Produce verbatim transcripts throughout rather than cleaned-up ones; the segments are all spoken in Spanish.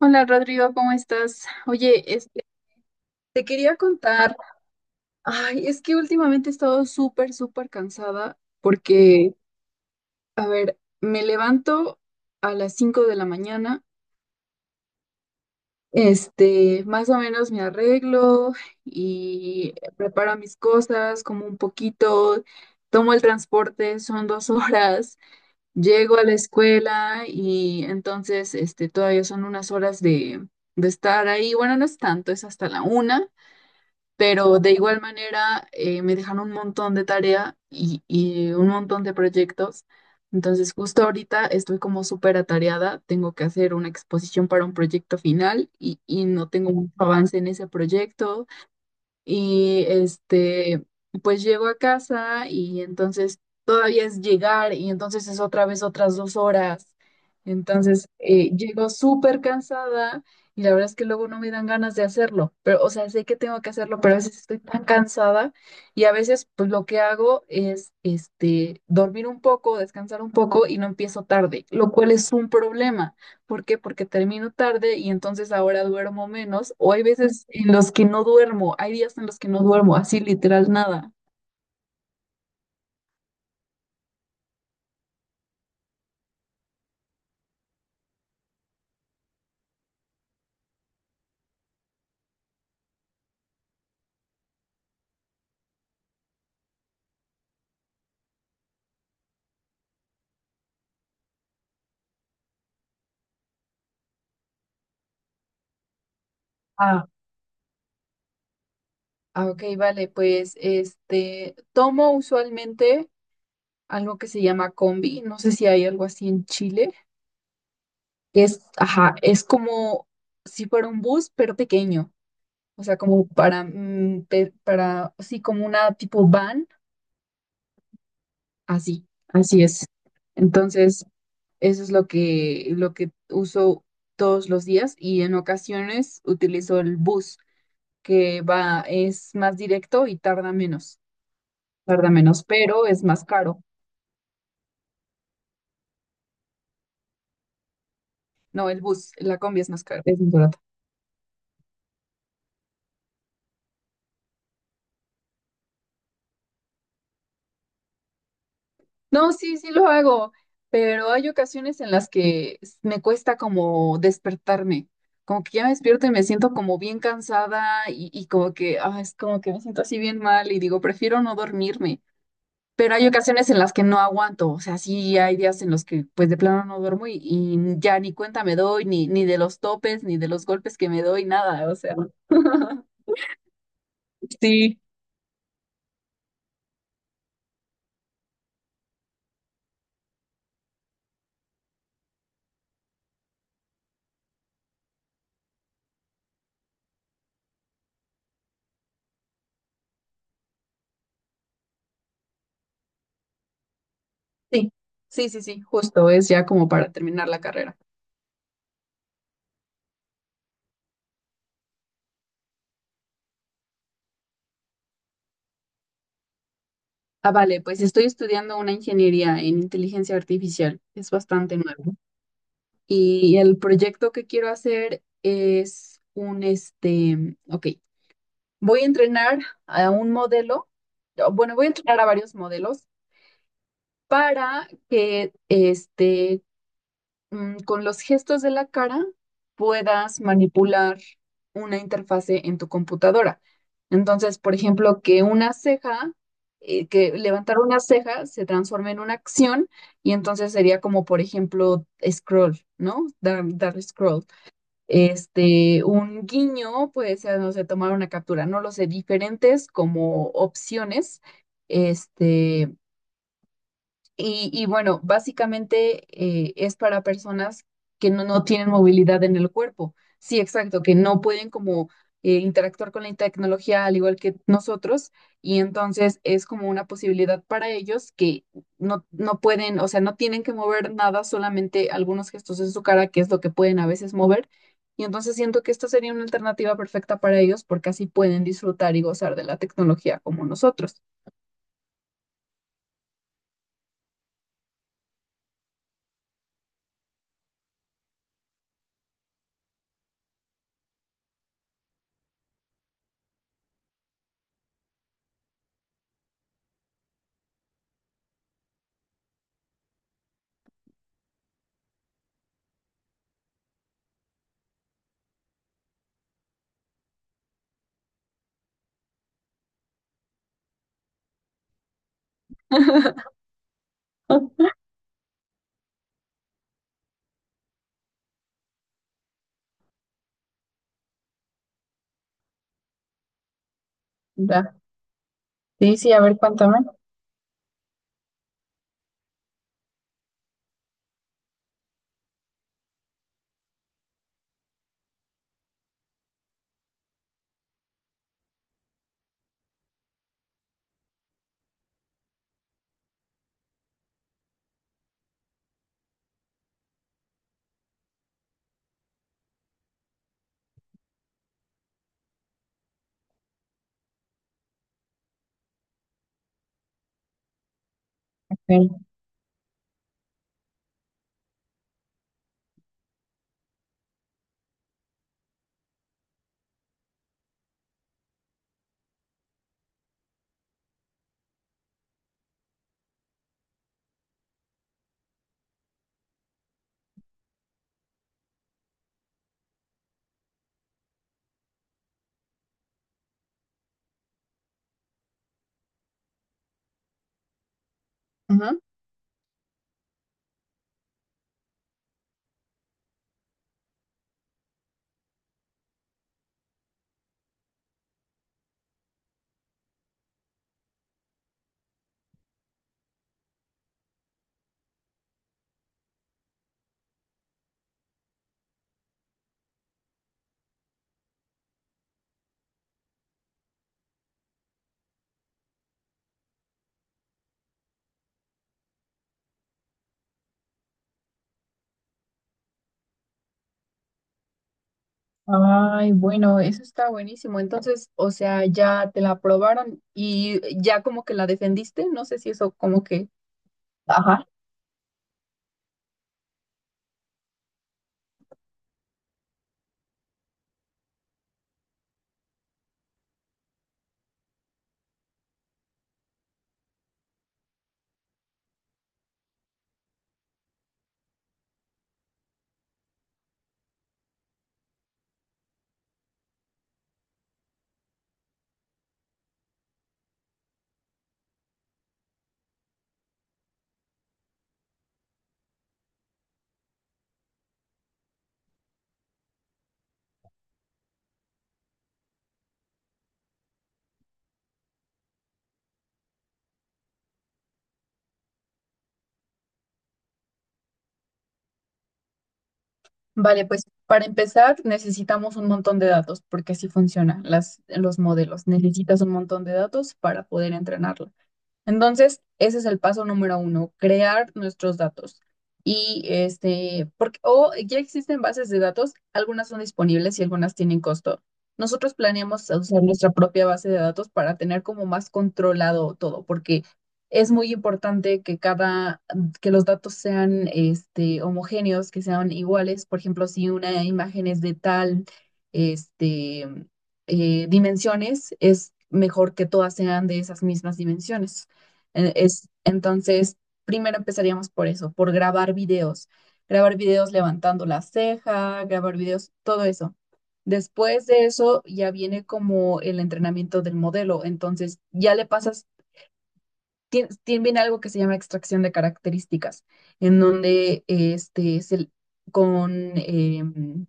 Hola Rodrigo, ¿cómo estás? Oye, este, te quería contar, ay, es que últimamente he estado súper, súper cansada porque, a ver, me levanto a las cinco de la mañana, este, más o menos me arreglo y preparo mis cosas, como un poquito, tomo el transporte, son dos horas, llego a la escuela y entonces, este, todavía son unas horas de, de estar ahí, bueno, no es tanto, es hasta la una. Pero de igual manera eh, me dejan un montón de tarea y, y un montón de proyectos. Entonces justo ahorita estoy como súper atareada. Tengo que hacer una exposición para un proyecto final y, y no tengo mucho avance en ese proyecto. Y este, pues llego a casa y entonces todavía es llegar y entonces es otra vez otras dos horas. Entonces eh, llego súper cansada y la verdad es que luego no me dan ganas de hacerlo. Pero, o sea, sé que tengo que hacerlo, pero a veces estoy tan cansada y a veces pues lo que hago es este, dormir un poco, descansar un poco y no empiezo tarde, lo cual es un problema. ¿Por qué? Porque termino tarde y entonces ahora duermo menos. O hay veces en los que no duermo, hay días en los que no duermo, así literal nada. Ah, ah, ok, vale, pues este, tomo usualmente algo que se llama combi, no sé si hay algo así en Chile, que es, ajá, es como si fuera un bus, pero pequeño, o sea, como para, mm, pe- para, sí, como una tipo van, así, así es. Entonces, eso es lo que, lo que uso todos los días y en ocasiones utilizo el bus, que va, es más directo y tarda menos, tarda menos, pero es más caro. No, el bus, la combi es más caro, es más barato. No, sí, sí lo hago, pero hay ocasiones en las que s- me cuesta como despertarme, como que ya me despierto y me siento como bien cansada y, y como que, ah, es como que me siento así bien mal y digo, prefiero no dormirme. Pero hay ocasiones en las que no aguanto, o sea, sí hay días en los que pues de plano no duermo y, y ya ni cuenta me doy, ni, ni de los topes, ni de los golpes que me doy, nada, o sea. Sí. Sí, sí, sí, sí, justo, es ya como para terminar la carrera. Ah, vale, pues estoy estudiando una ingeniería en inteligencia artificial, es bastante nuevo. Y el proyecto que quiero hacer es un, este, ok, voy a entrenar a un modelo, o, bueno, voy a entrenar a varios modelos para que este, mm, con los gestos de la cara puedas manipular una interfase en tu computadora. Entonces, por ejemplo, que una ceja, eh, que levantar una ceja se transforme en una acción y entonces sería como, por ejemplo, scroll, ¿no? Dar, dar scroll. Este, un guiño puede ser, no sé, tomar una captura, no lo sé, diferentes como opciones, este y, y bueno, básicamente eh, es para personas que no, no tienen movilidad en el cuerpo. Sí, exacto, que no pueden como eh, interactuar con la tecnología al igual que nosotros. Y entonces es como una posibilidad para ellos que no, no pueden, o sea, no tienen que mover nada, solamente algunos gestos en su cara, que es lo que pueden a veces mover. Y entonces siento que esta sería una alternativa perfecta para ellos porque así pueden disfrutar y gozar de la tecnología como nosotros. Ujú. Sí, sí, a ver, cuéntame. Ok. Ujú. Ay, bueno, eso está buenísimo. Entonces, o sea, ya te la aprobaron y ya como que la defendiste. No sé si eso como que... Ajá. Vale, pues para empezar necesitamos un montón de datos porque así funcionan las, los modelos. Necesitas un montón de datos para poder entrenarlos. Entonces, ese es el paso número uno, crear nuestros datos. Y este, porque, o ya existen bases de datos, algunas son disponibles y algunas tienen costo. Nosotros planeamos usar nuestra propia base de datos para tener como más controlado todo, porque es muy importante que cada, que los datos sean este, homogéneos, que sean iguales. Por ejemplo, si una imagen es de tal, este, eh, dimensiones, es mejor que todas sean de esas mismas dimensiones. Eh, Es, entonces, primero empezaríamos por eso, por grabar videos. Grabar videos levantando la ceja, grabar videos, todo eso. Después de eso ya viene como el entrenamiento del modelo. Entonces, ya le pasas, tiene, viene algo que se llama extracción de características, en donde este, se- con, em,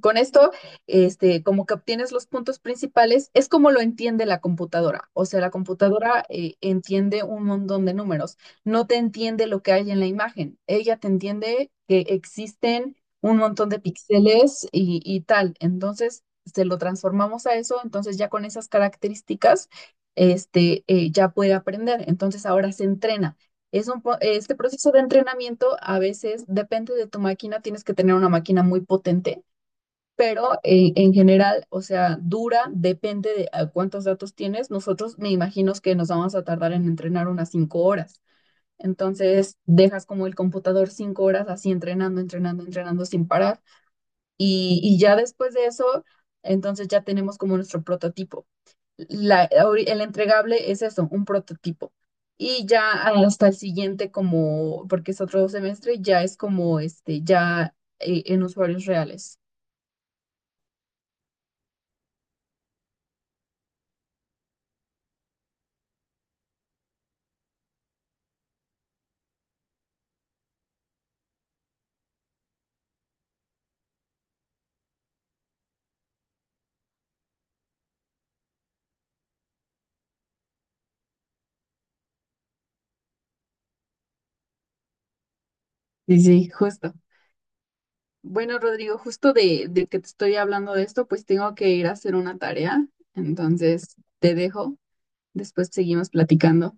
con esto, este, como que obtienes los puntos principales, es como lo entiende la computadora. O sea, la computadora eh, entiende un montón de números. No te entiende lo que hay en la imagen. Ella te entiende que existen un montón de píxeles y, y tal. Entonces, se lo transformamos a eso. Entonces, ya con esas características, este, eh, ya puede aprender. Entonces, ahora se entrena. Es un, po- este proceso de entrenamiento a veces depende de tu máquina, tienes que tener una máquina muy potente pero eh, en general, o sea, dura, depende de a cuántos datos tienes. Nosotros me imagino que nos vamos a tardar en entrenar unas cinco horas. Entonces, dejas como el computador cinco horas así entrenando, entrenando, entrenando sin parar. Y, y ya después de eso, entonces ya tenemos como nuestro prototipo. La, ahori- el entregable es eso, un prototipo. Y ya hasta el siguiente, como, porque es otro semestre, ya es como este, ya eh, en usuarios reales. Sí, sí, justo. Bueno, Rodrigo, justo de, de que te estoy hablando de esto, pues tengo que ir a hacer una tarea. Entonces, te dejo. Después seguimos platicando.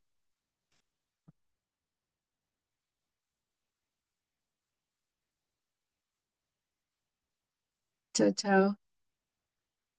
Chao, chao.